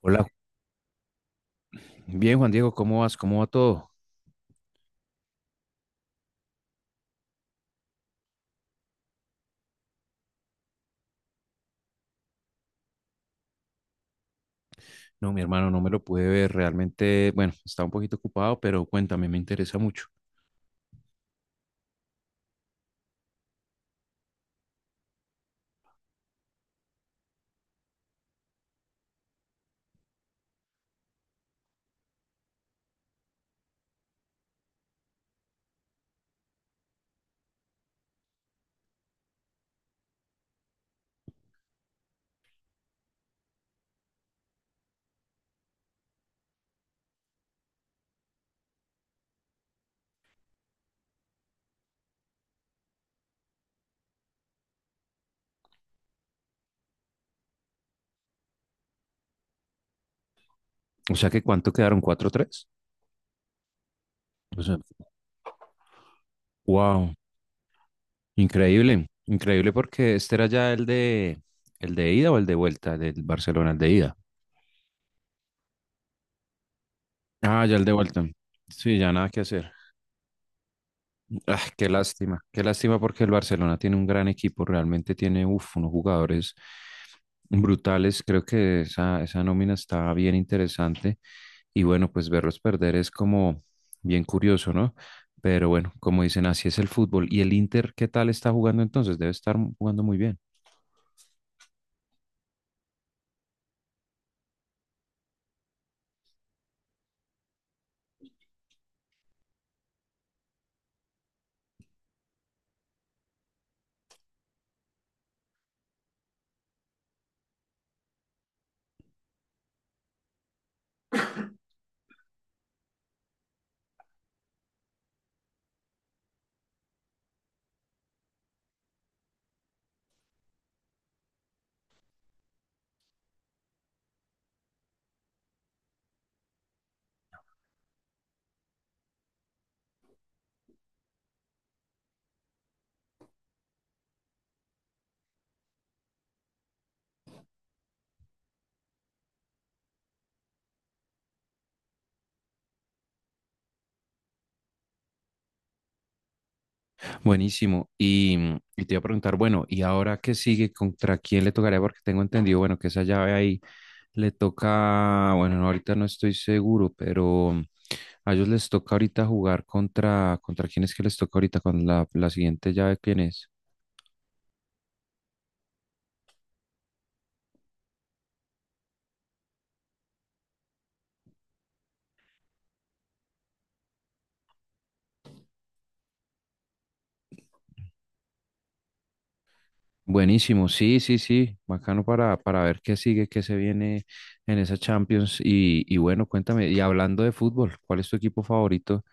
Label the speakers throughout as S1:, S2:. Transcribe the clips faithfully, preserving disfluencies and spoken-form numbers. S1: Hola, bien Juan Diego, ¿cómo vas? ¿Cómo va todo? No, mi hermano, no me lo pude ver, realmente, bueno, estaba un poquito ocupado, pero cuéntame, me interesa mucho. O sea que ¿cuánto quedaron? Cuatro tres. O sea, wow, increíble, increíble porque este era ya el de, el de ida o el de vuelta del Barcelona, el de ida. Ah, ya el de vuelta. Sí, ya nada que hacer. Ah, qué lástima, qué lástima porque el Barcelona tiene un gran equipo, realmente tiene, uf, unos jugadores brutales. Creo que esa, esa nómina está bien interesante. Y bueno, pues verlos perder es como bien curioso, ¿no? Pero bueno, como dicen, así es el fútbol. ¿Y el Inter qué tal está jugando entonces? Debe estar jugando muy bien. Buenísimo. Y, mm, y te iba a preguntar, bueno, ¿y ahora qué sigue? ¿Contra quién le tocaría? Porque tengo entendido, bueno, que esa llave ahí le toca, bueno, no, ahorita no estoy seguro, pero mm, a ellos les toca ahorita jugar contra, ¿contra quién es que les toca ahorita? ¿Con la, la siguiente llave quién es? Buenísimo, sí, sí, sí, bacano para, para ver qué sigue, qué se viene en esa Champions. Y, y bueno, cuéntame, y hablando de fútbol, ¿cuál es tu equipo favorito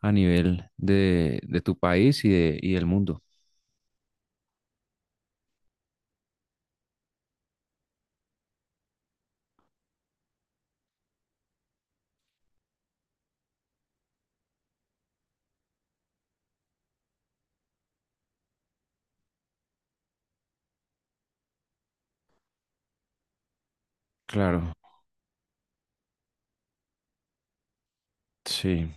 S1: a nivel de, de tu país y, de, y del mundo? Claro, sí.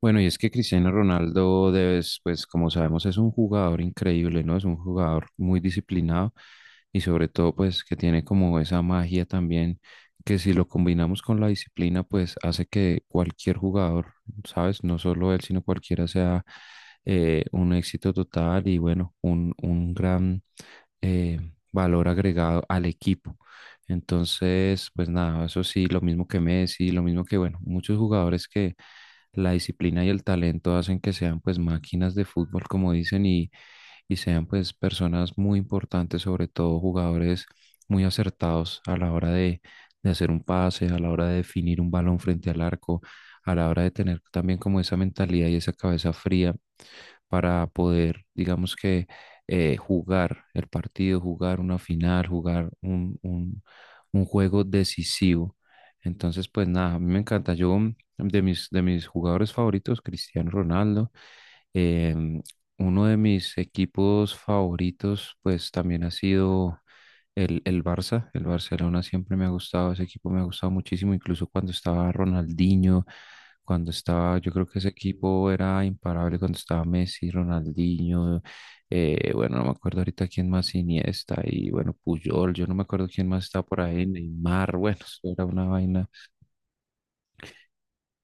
S1: Bueno, y es que Cristiano Ronaldo, debes, pues como sabemos, es un jugador increíble, ¿no? Es un jugador muy disciplinado y sobre todo, pues que tiene como esa magia también, que si lo combinamos con la disciplina, pues hace que cualquier jugador, ¿sabes? No solo él, sino cualquiera sea eh, un éxito total y bueno, un, un gran eh, valor agregado al equipo. Entonces, pues nada, eso sí, lo mismo que Messi, lo mismo que, bueno, muchos jugadores que la disciplina y el talento hacen que sean pues máquinas de fútbol, como dicen, y, y sean pues personas muy importantes, sobre todo jugadores muy acertados a la hora de, de hacer un pase, a la hora de definir un balón frente al arco, a la hora de tener también como esa mentalidad y esa cabeza fría para poder, digamos que eh, jugar el partido, jugar una final, jugar un, un- un juego decisivo. Entonces, pues nada, a mí me encanta. Yo, mm, de mis, de mis jugadores favoritos, Cristiano Ronaldo, em, uno de mis equipos favoritos, pues también ha sido el, el Barça. El Barcelona siempre me ha gustado, ese equipo me ha gustado muchísimo, incluso cuando estaba Ronaldinho, cuando estaba, yo creo que ese equipo era imparable, cuando estaba Messi, Ronaldinho, eh, bueno, no me acuerdo ahorita quién más, Iniesta y bueno, Puyol, yo no me acuerdo quién más estaba por ahí, Neymar, bueno, eso era una vaina,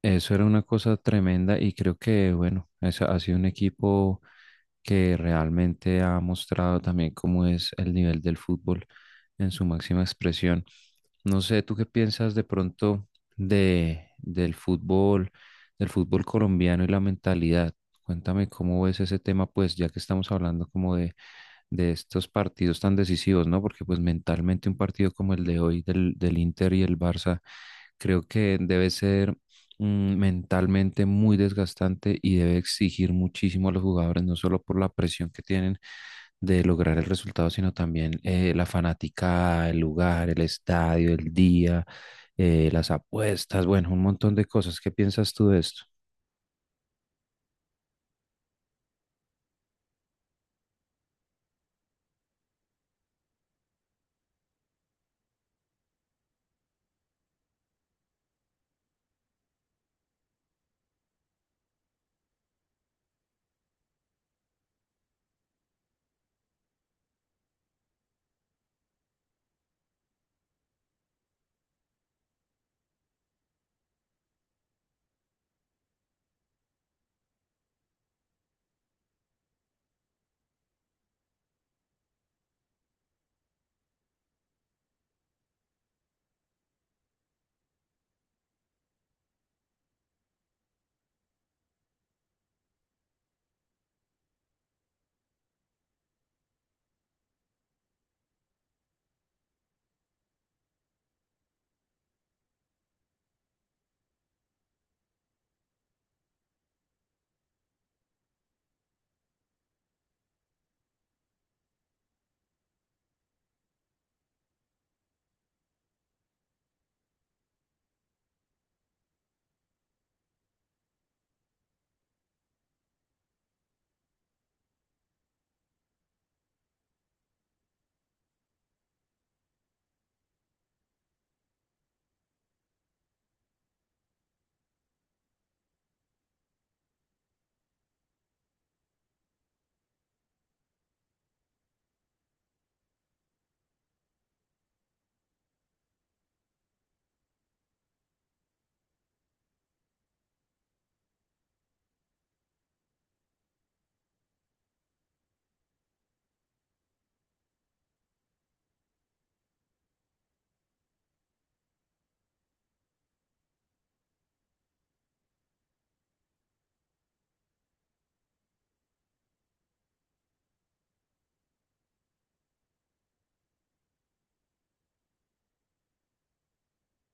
S1: eso era una cosa tremenda y creo que bueno, eso ha sido un equipo que realmente ha mostrado también cómo es el nivel del fútbol en su máxima expresión. No sé, ¿tú qué piensas de pronto de, del fútbol, del fútbol colombiano y la mentalidad? Cuéntame cómo ves ese tema, pues, ya que estamos hablando como de, de estos partidos tan decisivos, ¿no? Porque pues mentalmente un partido como el de hoy del, del Inter y el Barça, creo que debe ser mm, mentalmente muy desgastante y debe exigir muchísimo a los jugadores, no solo por la presión que tienen de lograr el resultado, sino también eh, la fanaticada, el lugar, el estadio, el día, eh, las apuestas, bueno, un montón de cosas. ¿Qué piensas tú de esto?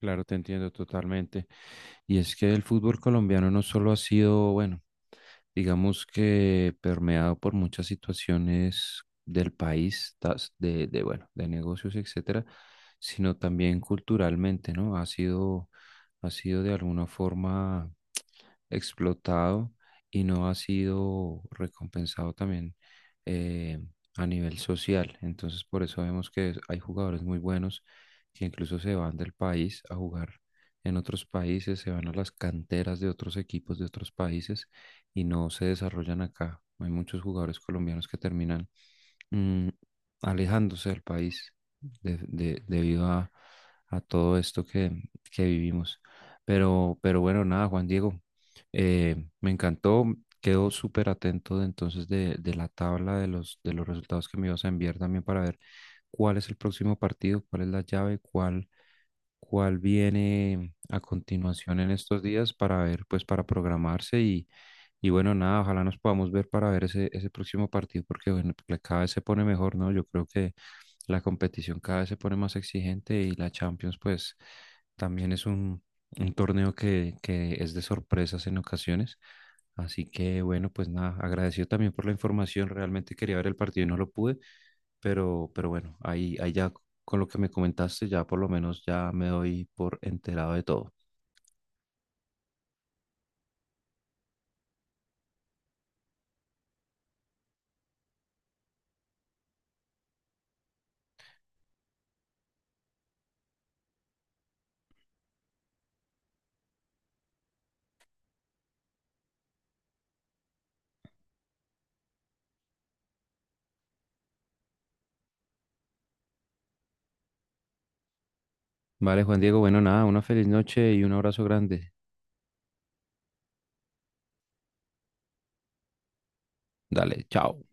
S1: Claro, te entiendo totalmente. Y es que el fútbol colombiano no solo ha sido, bueno, digamos que permeado por muchas situaciones del país, tas- de, de, bueno, de negocios, etcétera, sino también culturalmente, ¿no? Ha sido, ha sido de alguna forma explotado y no ha sido recompensado también eh, a nivel social. Entonces, por eso vemos que hay jugadores muy buenos que incluso se van del país a jugar en otros países, se van a las canteras de otros equipos de otros países y no se desarrollan acá. Hay muchos jugadores colombianos que terminan mm, alejándose del país de- de- debido a, a todo esto que, que vivimos. Pero, pero bueno, nada, Juan Diego, eh, me encantó, quedo súper atento de, entonces de, de la tabla de los, de los resultados que me ibas a enviar también para ver cuál es el próximo partido, cuál es la llave, cuál, cuál viene a continuación en estos días para ver, pues para programarse y y bueno, nada, ojalá nos podamos ver para ver ese, ese próximo partido, porque bueno, la- cada vez se pone mejor, ¿no? Yo creo que la competición cada vez se pone más exigente y la Champions, pues, también es un, un torneo que, que es de sorpresas en ocasiones. Así que bueno, pues nada, agradecido también por la información. Realmente quería ver el partido y no lo pude, pero, pero bueno, ahí, ahí ya con lo que me comentaste, ya por lo menos ya me doy por enterado de todo. Vale, Juan Diego, bueno, nada, una feliz noche y un abrazo grande. Dale, chao.